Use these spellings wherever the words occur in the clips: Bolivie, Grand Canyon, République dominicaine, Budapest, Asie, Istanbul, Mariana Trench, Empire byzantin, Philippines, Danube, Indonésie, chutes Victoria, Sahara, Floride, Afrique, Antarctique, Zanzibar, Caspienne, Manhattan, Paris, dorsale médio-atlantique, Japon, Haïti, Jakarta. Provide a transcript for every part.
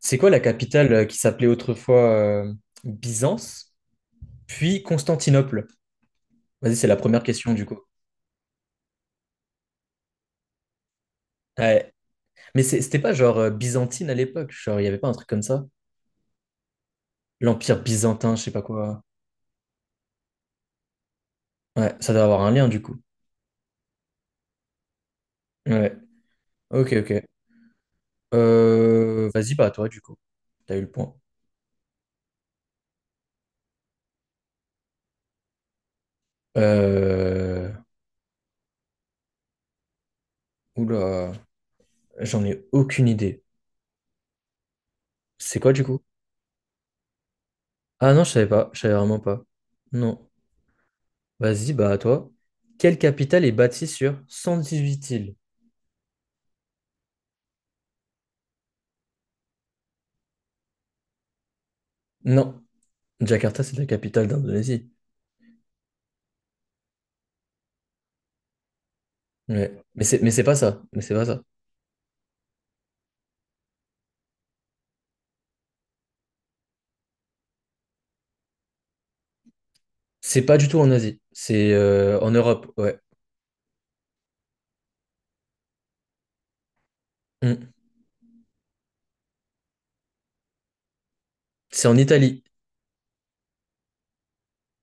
C'est quoi la capitale qui s'appelait autrefois Byzance, puis Constantinople? Vas-y, c'est la première question du coup. Ouais. C'était pas genre byzantine à l'époque, genre il y avait pas un truc comme ça? L'Empire byzantin, je sais pas quoi. Ouais, ça doit avoir un lien du coup. Ouais. Ok, ok. Vas-y, bah à toi du coup. T'as eu le point. Euh... Oula, j'en ai aucune idée. C'est quoi du coup? Ah non, je savais pas, je savais vraiment pas. Non. Vas-y, bah à toi. Quelle capitale est bâtie sur 118 îles? Non, Jakarta, c'est la capitale d'Indonésie. Ouais. Mais c'est pas ça. Mais c'est pas ça. C'est pas du tout en Asie. C'est en Europe, ouais. Mm. C'est en Italie.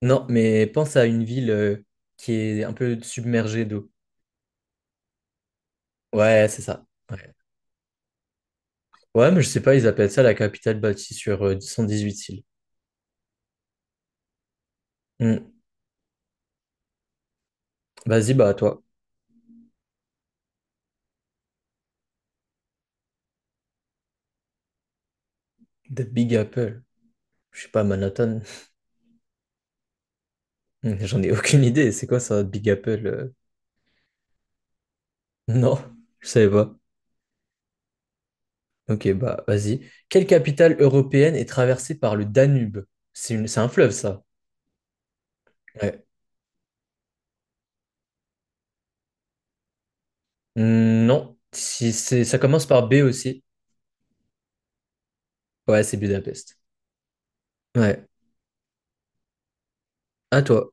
Non, mais pense à une ville qui est un peu submergée d'eau. Ouais, c'est ça. Ouais. Ouais, mais je sais pas, ils appellent ça la capitale bâtie sur huit îles. Mm. Vas-y, bah à toi. The Big Apple. Je sais pas, Manhattan. J'en ai aucune idée. C'est quoi ça, Big Apple? Non, je savais pas. Ok, bah vas-y. Quelle capitale européenne est traversée par le Danube? C'est un fleuve, ça. Ouais. Hmm, non, si c'est... ça commence par B aussi. Ouais, c'est Budapest. Ouais. À toi.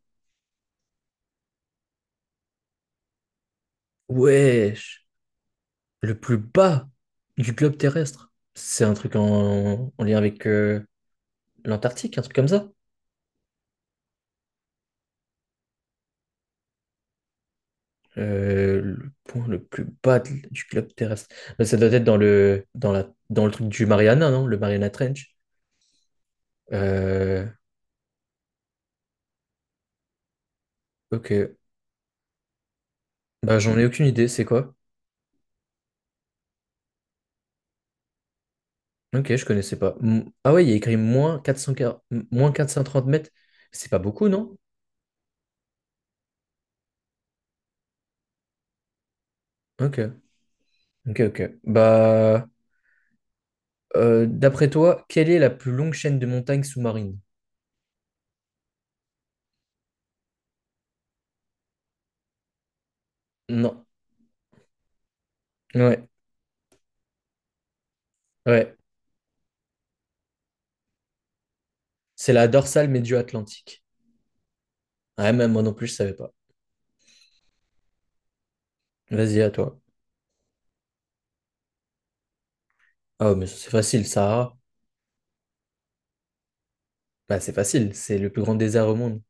Wesh. Le plus bas du globe terrestre. C'est un truc en lien avec l'Antarctique, un truc comme ça. Le point le plus bas du globe terrestre. Bah, ça doit être dans le truc du Mariana, non? Le Mariana Trench. Euh, ok. Bah, j'en ai aucune idée, c'est quoi? Ok, je connaissais pas. Ah ouais, il y a écrit moins 400, moins 430 mètres. C'est pas beaucoup, non? Ok, ok, ok. Bah, d'après toi, quelle est la plus longue chaîne de montagnes sous-marines? Non. Ouais, ouais. C'est la dorsale médio-atlantique. Ouais, même moi non plus, je savais pas. Vas-y, à toi. Ah, mais ça, c'est facile, Sahara. Bah, c'est facile, c'est le plus grand désert au monde.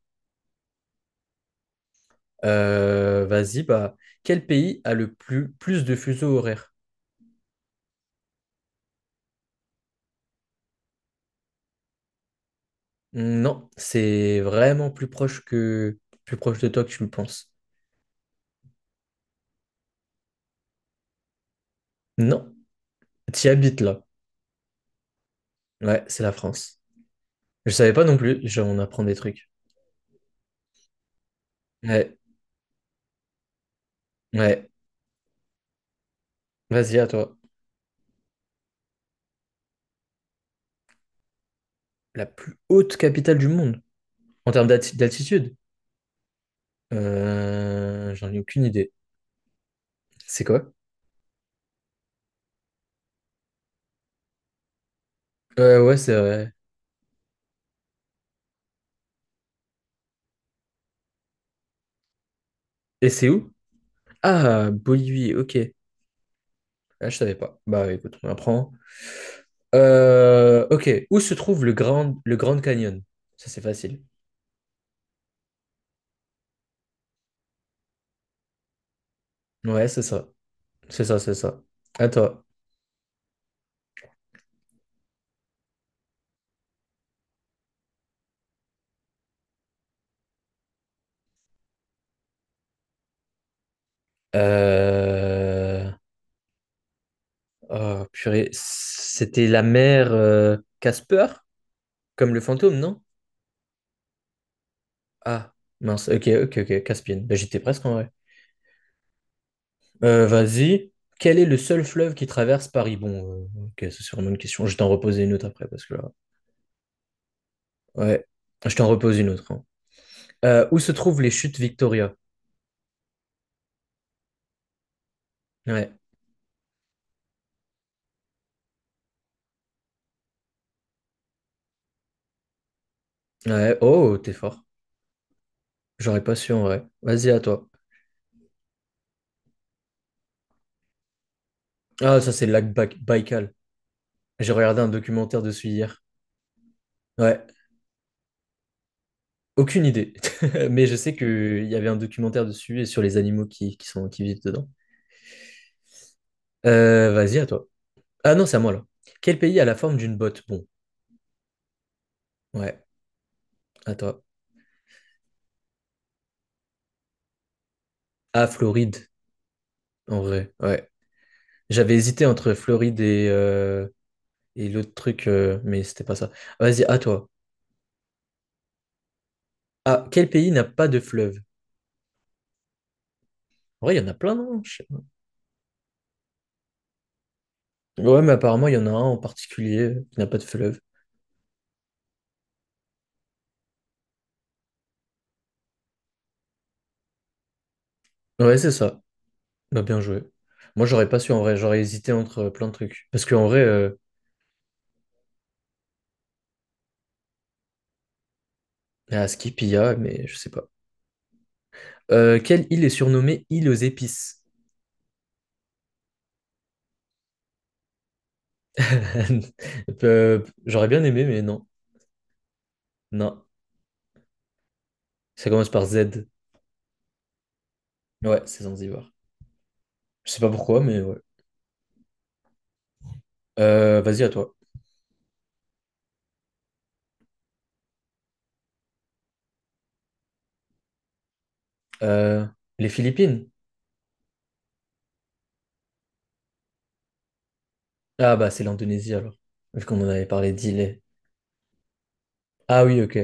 Vas-y, bah, quel pays a le plus de fuseaux horaires? Non, c'est vraiment plus proche de toi que tu le penses. Non, tu habites là. Ouais, c'est la France. Je savais pas non plus, on apprend des trucs. Ouais, ouais. Vas-y, à toi. La plus haute capitale du monde en termes d'altitude? J'en ai aucune idée. C'est quoi? Ouais, ouais, c'est vrai. Et c'est où? Ah, Bolivie, ok. Ah, je savais pas. Bah écoute, on apprend. Ok, où se trouve le Grand Canyon? Ça, c'est facile. Ouais, c'est ça. C'est ça, c'est ça. À toi. Euh... Oh, purée. C'était la mère Casper, comme le fantôme, non? Ah, mince. Ok, ok, ok. Caspienne. Bah, j'étais presque en vrai. Vas-y. Quel est le seul fleuve qui traverse Paris? Bon, ok, ça, c'est vraiment une question. Je t'en reposer une autre après, parce que là. Ouais. Je t'en repose une autre, hein. Où se trouvent les chutes Victoria? Ouais. Ouais. Oh, t'es fort. J'aurais pas su en vrai. Vas-y, à toi. Ah, ça, c'est le lac Baïkal. J'ai regardé un documentaire dessus hier. Ouais, aucune idée. Mais je sais qu'il y avait un documentaire dessus et sur les animaux qui vivent dedans. Vas-y, à toi. Ah non, c'est à moi là. Quel pays a la forme d'une botte? Bon, ouais, à toi. Ah, Floride, en vrai, ouais. J'avais hésité entre Floride et l'autre truc, mais c'était pas ça. Vas-y, à toi. Ah, quel pays n'a pas de fleuve? En vrai, il y en a plein, non? Je sais pas. Ouais, mais apparemment, il y en a un en particulier qui n'a pas de fleuve. Ouais, c'est ça. Bah, bien joué. Moi, j'aurais pas su en vrai, j'aurais hésité entre plein de trucs. Parce qu'en vrai, ah, Skipia, mais je sais pas. Quelle île est surnommée île aux épices? J'aurais bien aimé, mais non. Non. Ça commence par Z. Ouais, c'est Zanzibar. Je sais pas pourquoi, mais ouais. Vas-y, à toi. Euh, les Philippines? Ah, bah, c'est l'Indonésie alors. Vu qu'on en avait parlé d'îles. Ah oui, ok.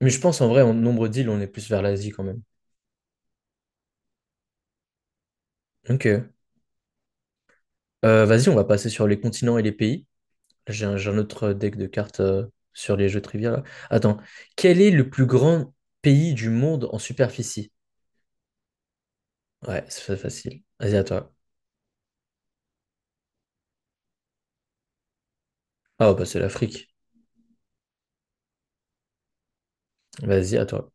Mais je pense en vrai, en nombre d'îles, on est plus vers l'Asie quand même. Ok. Vas-y, on va passer sur les continents et les pays. J'ai un autre deck de cartes sur les jeux trivia là. Attends, quel est le plus grand pays du monde en superficie? Ouais, c'est facile. Vas-y, à toi. Ah, bah c'est l'Afrique. Vas-y, à toi.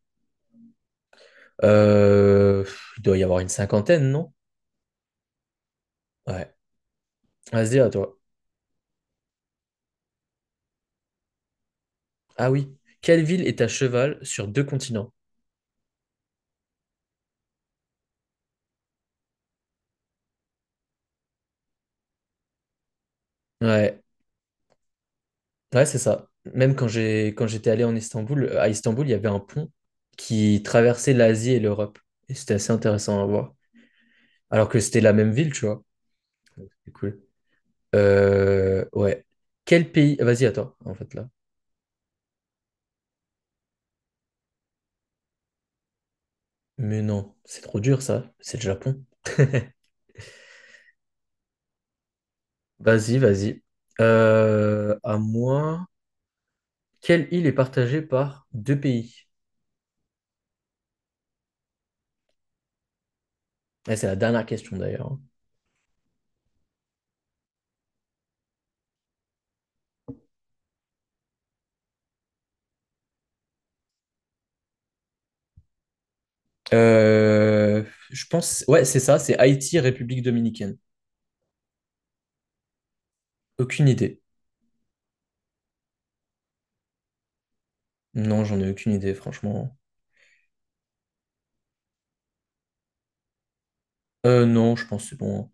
Pff, il doit y avoir une cinquantaine, non? Ouais. Vas-y, à toi. Ah oui. Quelle ville est à cheval sur deux continents? Ouais. Ouais, c'est ça. Même quand j'étais allé à Istanbul, il y avait un pont qui traversait l'Asie et l'Europe. Et c'était assez intéressant à voir. Alors que c'était la même ville, tu vois. Ouais, c'est cool. Ouais. Quel pays? Ah, vas-y, attends, en fait, là. Mais non, c'est trop dur, ça. C'est le Japon. Vas-y, vas-y. À moi, quelle île est partagée par deux pays? Ouais, c'est la dernière question, d'ailleurs, hein. Euh, je pense... Ouais, c'est ça, c'est Haïti, République dominicaine. Aucune idée. Non, j'en ai aucune idée, franchement. Non, je pense que c'est bon, hein.